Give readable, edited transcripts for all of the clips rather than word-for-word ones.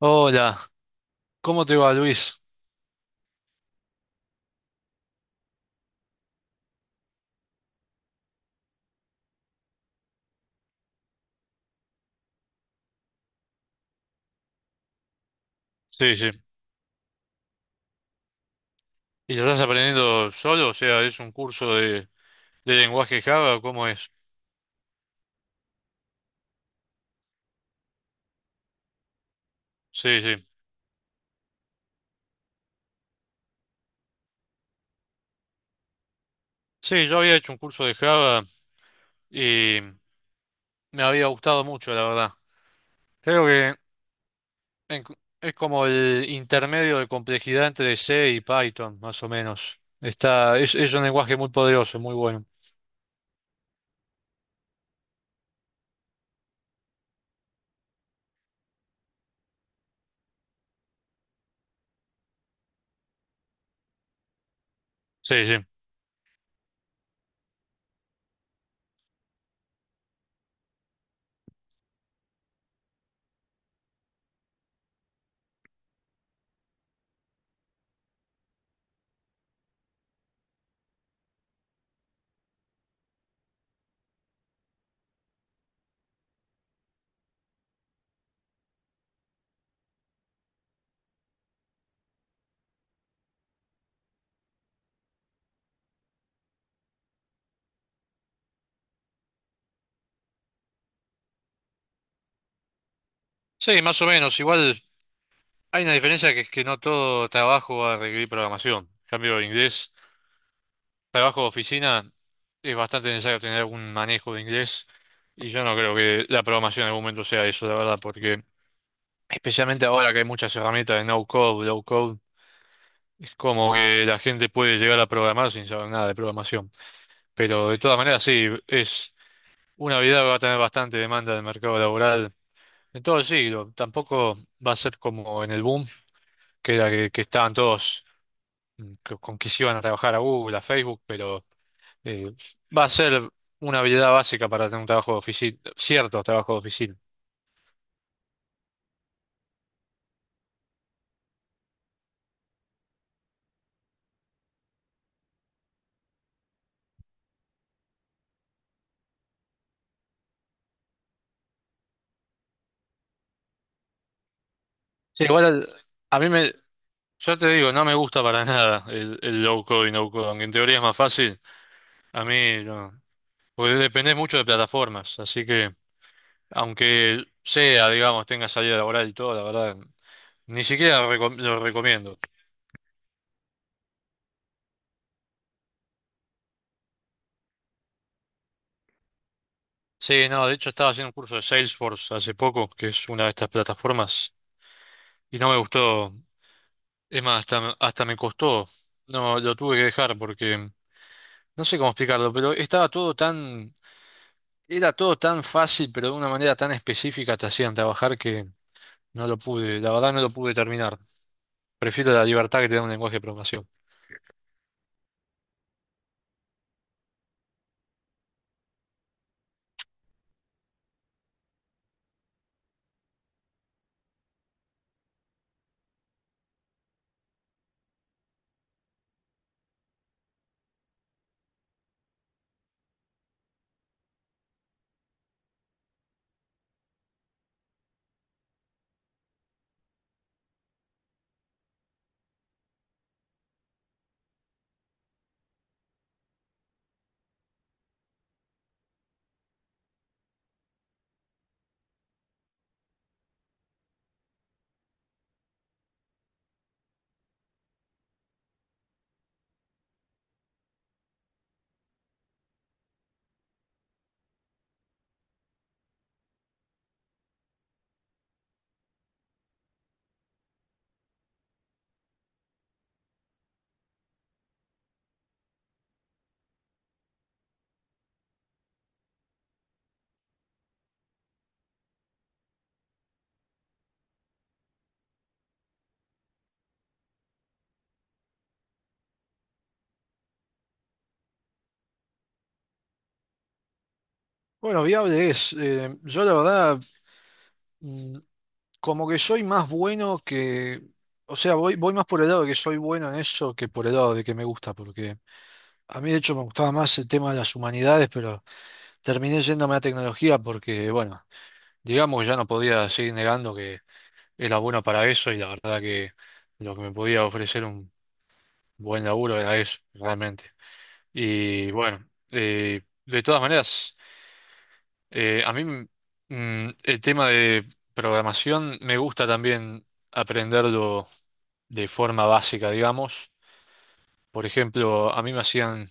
Hola, ¿cómo te va, Luis? Sí, sí. ¿Y lo estás aprendiendo solo? O sea, ¿es un curso de lenguaje Java? O ¿cómo es? Sí, sí. Sí, yo había hecho un curso de Java y me había gustado mucho, la verdad. Creo que en- es como el intermedio de complejidad entre C y Python, más o menos. Es un lenguaje muy poderoso, muy bueno. Sí, sí. Sí, más o menos. Igual hay una diferencia que es que no todo trabajo va a requerir programación. En cambio, en inglés, trabajo de oficina, es bastante necesario tener algún manejo de inglés y yo no creo que la programación en algún momento sea eso, la verdad, porque especialmente ahora que hay muchas herramientas de no code, low code, es como que la gente puede llegar a programar sin saber nada de programación. Pero de todas maneras, sí, es una habilidad que va a tener bastante demanda del mercado laboral en todo el siglo. Tampoco va a ser como en el boom, que era que estaban todos con que se iban a trabajar a Google, a Facebook, pero... Eh, va a ser una habilidad básica para tener un trabajo de oficina, ciertos trabajos de oficina. Sí, igual a mí me, yo te digo, no me gusta para nada el low code y no code, aunque en teoría es más fácil, a mí no, porque dependés mucho de plataformas, así que aunque sea, digamos, tenga salida laboral y todo, la verdad, ni siquiera lo recomiendo. Sí, no, de hecho estaba haciendo un curso de Salesforce hace poco, que es una de estas plataformas, y no me gustó. Es más, hasta, hasta me costó. No, lo tuve que dejar porque no sé cómo explicarlo, pero era todo tan fácil, pero de una manera tan específica te hacían trabajar que no lo pude, la verdad no lo pude terminar. Prefiero la libertad que te da un lenguaje de programación. Bueno, viable es. Yo la verdad como que soy más bueno o sea, voy más por el lado de que soy bueno en eso que por el lado de que me gusta, porque a mí de hecho me gustaba más el tema de las humanidades, pero terminé yéndome a tecnología porque, bueno, digamos que ya no podía seguir negando que era bueno para eso y la verdad que lo que me podía ofrecer un buen laburo era eso, realmente. Y bueno, eh, de todas maneras, a mí el tema de programación me gusta también aprenderlo de forma básica, digamos. Por ejemplo, a mí me hacían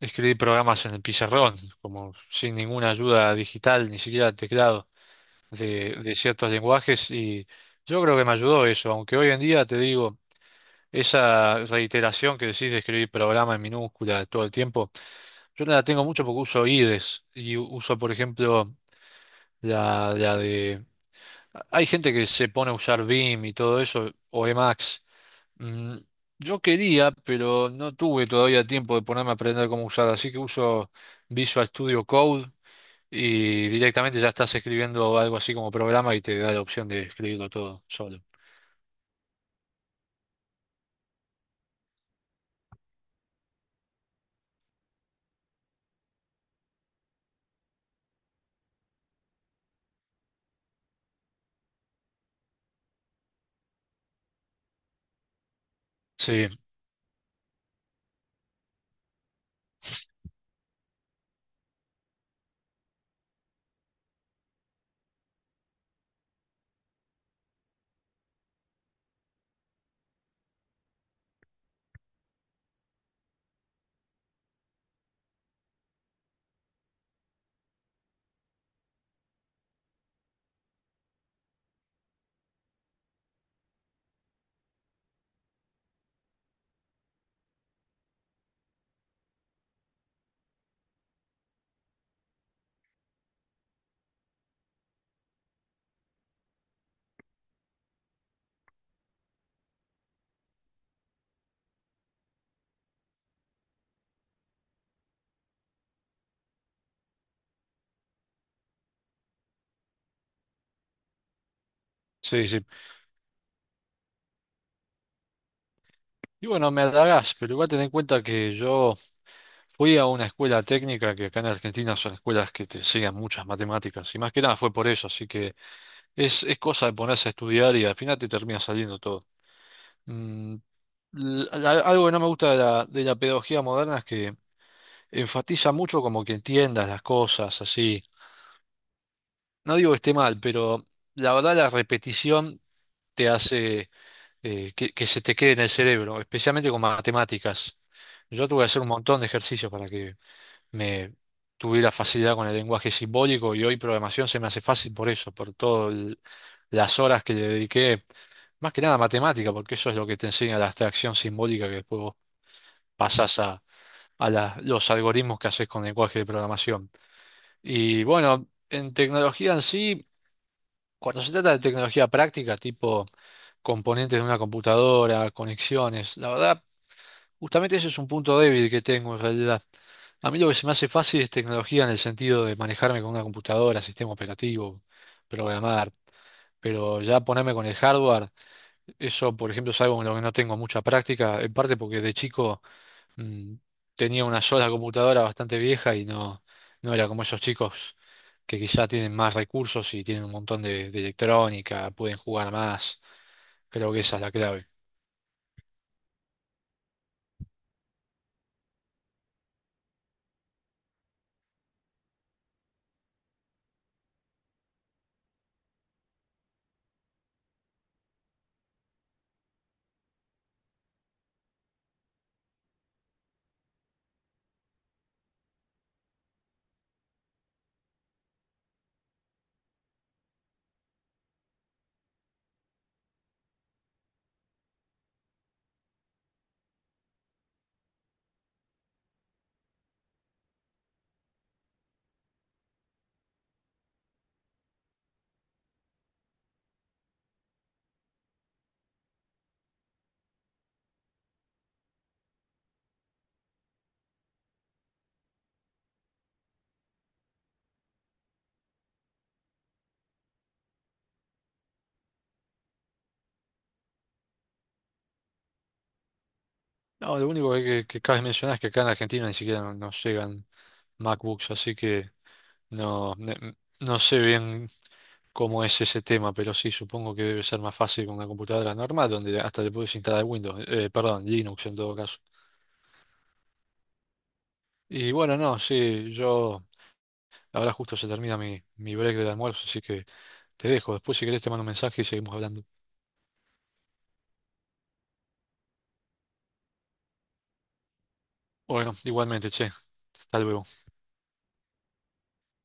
escribir programas en el pizarrón, como sin ninguna ayuda digital, ni siquiera teclado de ciertos lenguajes, y yo creo que me ayudó eso, aunque hoy en día te digo, esa reiteración que decís de escribir programa en minúscula todo el tiempo, yo no la tengo mucho porque uso IDES y uso, por ejemplo, la de... Hay gente que se pone a usar vim y todo eso, o Emacs. Mm, yo quería, pero no tuve todavía tiempo de ponerme a aprender cómo usar, así que uso Visual Studio Code y directamente ya estás escribiendo algo así como programa y te da la opción de escribirlo todo solo. Sí, sí, sí. Y bueno, me halagás, pero igual ten en cuenta que yo fui a una escuela técnica que acá en Argentina son escuelas que te enseñan muchas matemáticas y más que nada fue por eso, así que es cosa de ponerse a estudiar y al final te termina saliendo todo. Mm, Algo que no me gusta de de la pedagogía moderna es que enfatiza mucho como que entiendas las cosas, así. No digo que esté mal, pero la verdad la repetición te hace que se te quede en el cerebro, especialmente con matemáticas. Yo tuve que hacer un montón de ejercicios para que me tuviera facilidad con el lenguaje simbólico y hoy programación se me hace fácil por eso, por todas las horas que le dediqué, más que nada a matemática, porque eso es lo que te enseña la abstracción simbólica que después vos pasás a los algoritmos que haces con lenguaje de programación. Y bueno, en tecnología en sí, cuando se trata de tecnología práctica, tipo componentes de una computadora, conexiones, la verdad, justamente ese es un punto débil que tengo en realidad. A mí lo que se me hace fácil es tecnología en el sentido de manejarme con una computadora, sistema operativo, programar. Pero ya ponerme con el hardware, eso por ejemplo es algo en lo que no tengo mucha práctica, en parte porque de chico mm, tenía una sola computadora bastante vieja y no, no era como esos chicos que quizá tienen más recursos y tienen un montón de electrónica, pueden jugar más. Creo que esa es la clave. No, lo único que cabe mencionar es que acá en Argentina ni siquiera nos llegan MacBooks, así que no, ne- no sé bien cómo es ese tema, pero sí, supongo que debe ser más fácil con una computadora normal, donde hasta le puedes instalar Windows, perdón, Linux en todo caso. Y bueno, no, sí, yo... Ahora justo se termina mi break del almuerzo, así que te dejo. Después, si querés, te mando un mensaje y seguimos hablando. Bueno, igualmente, che, hasta luego.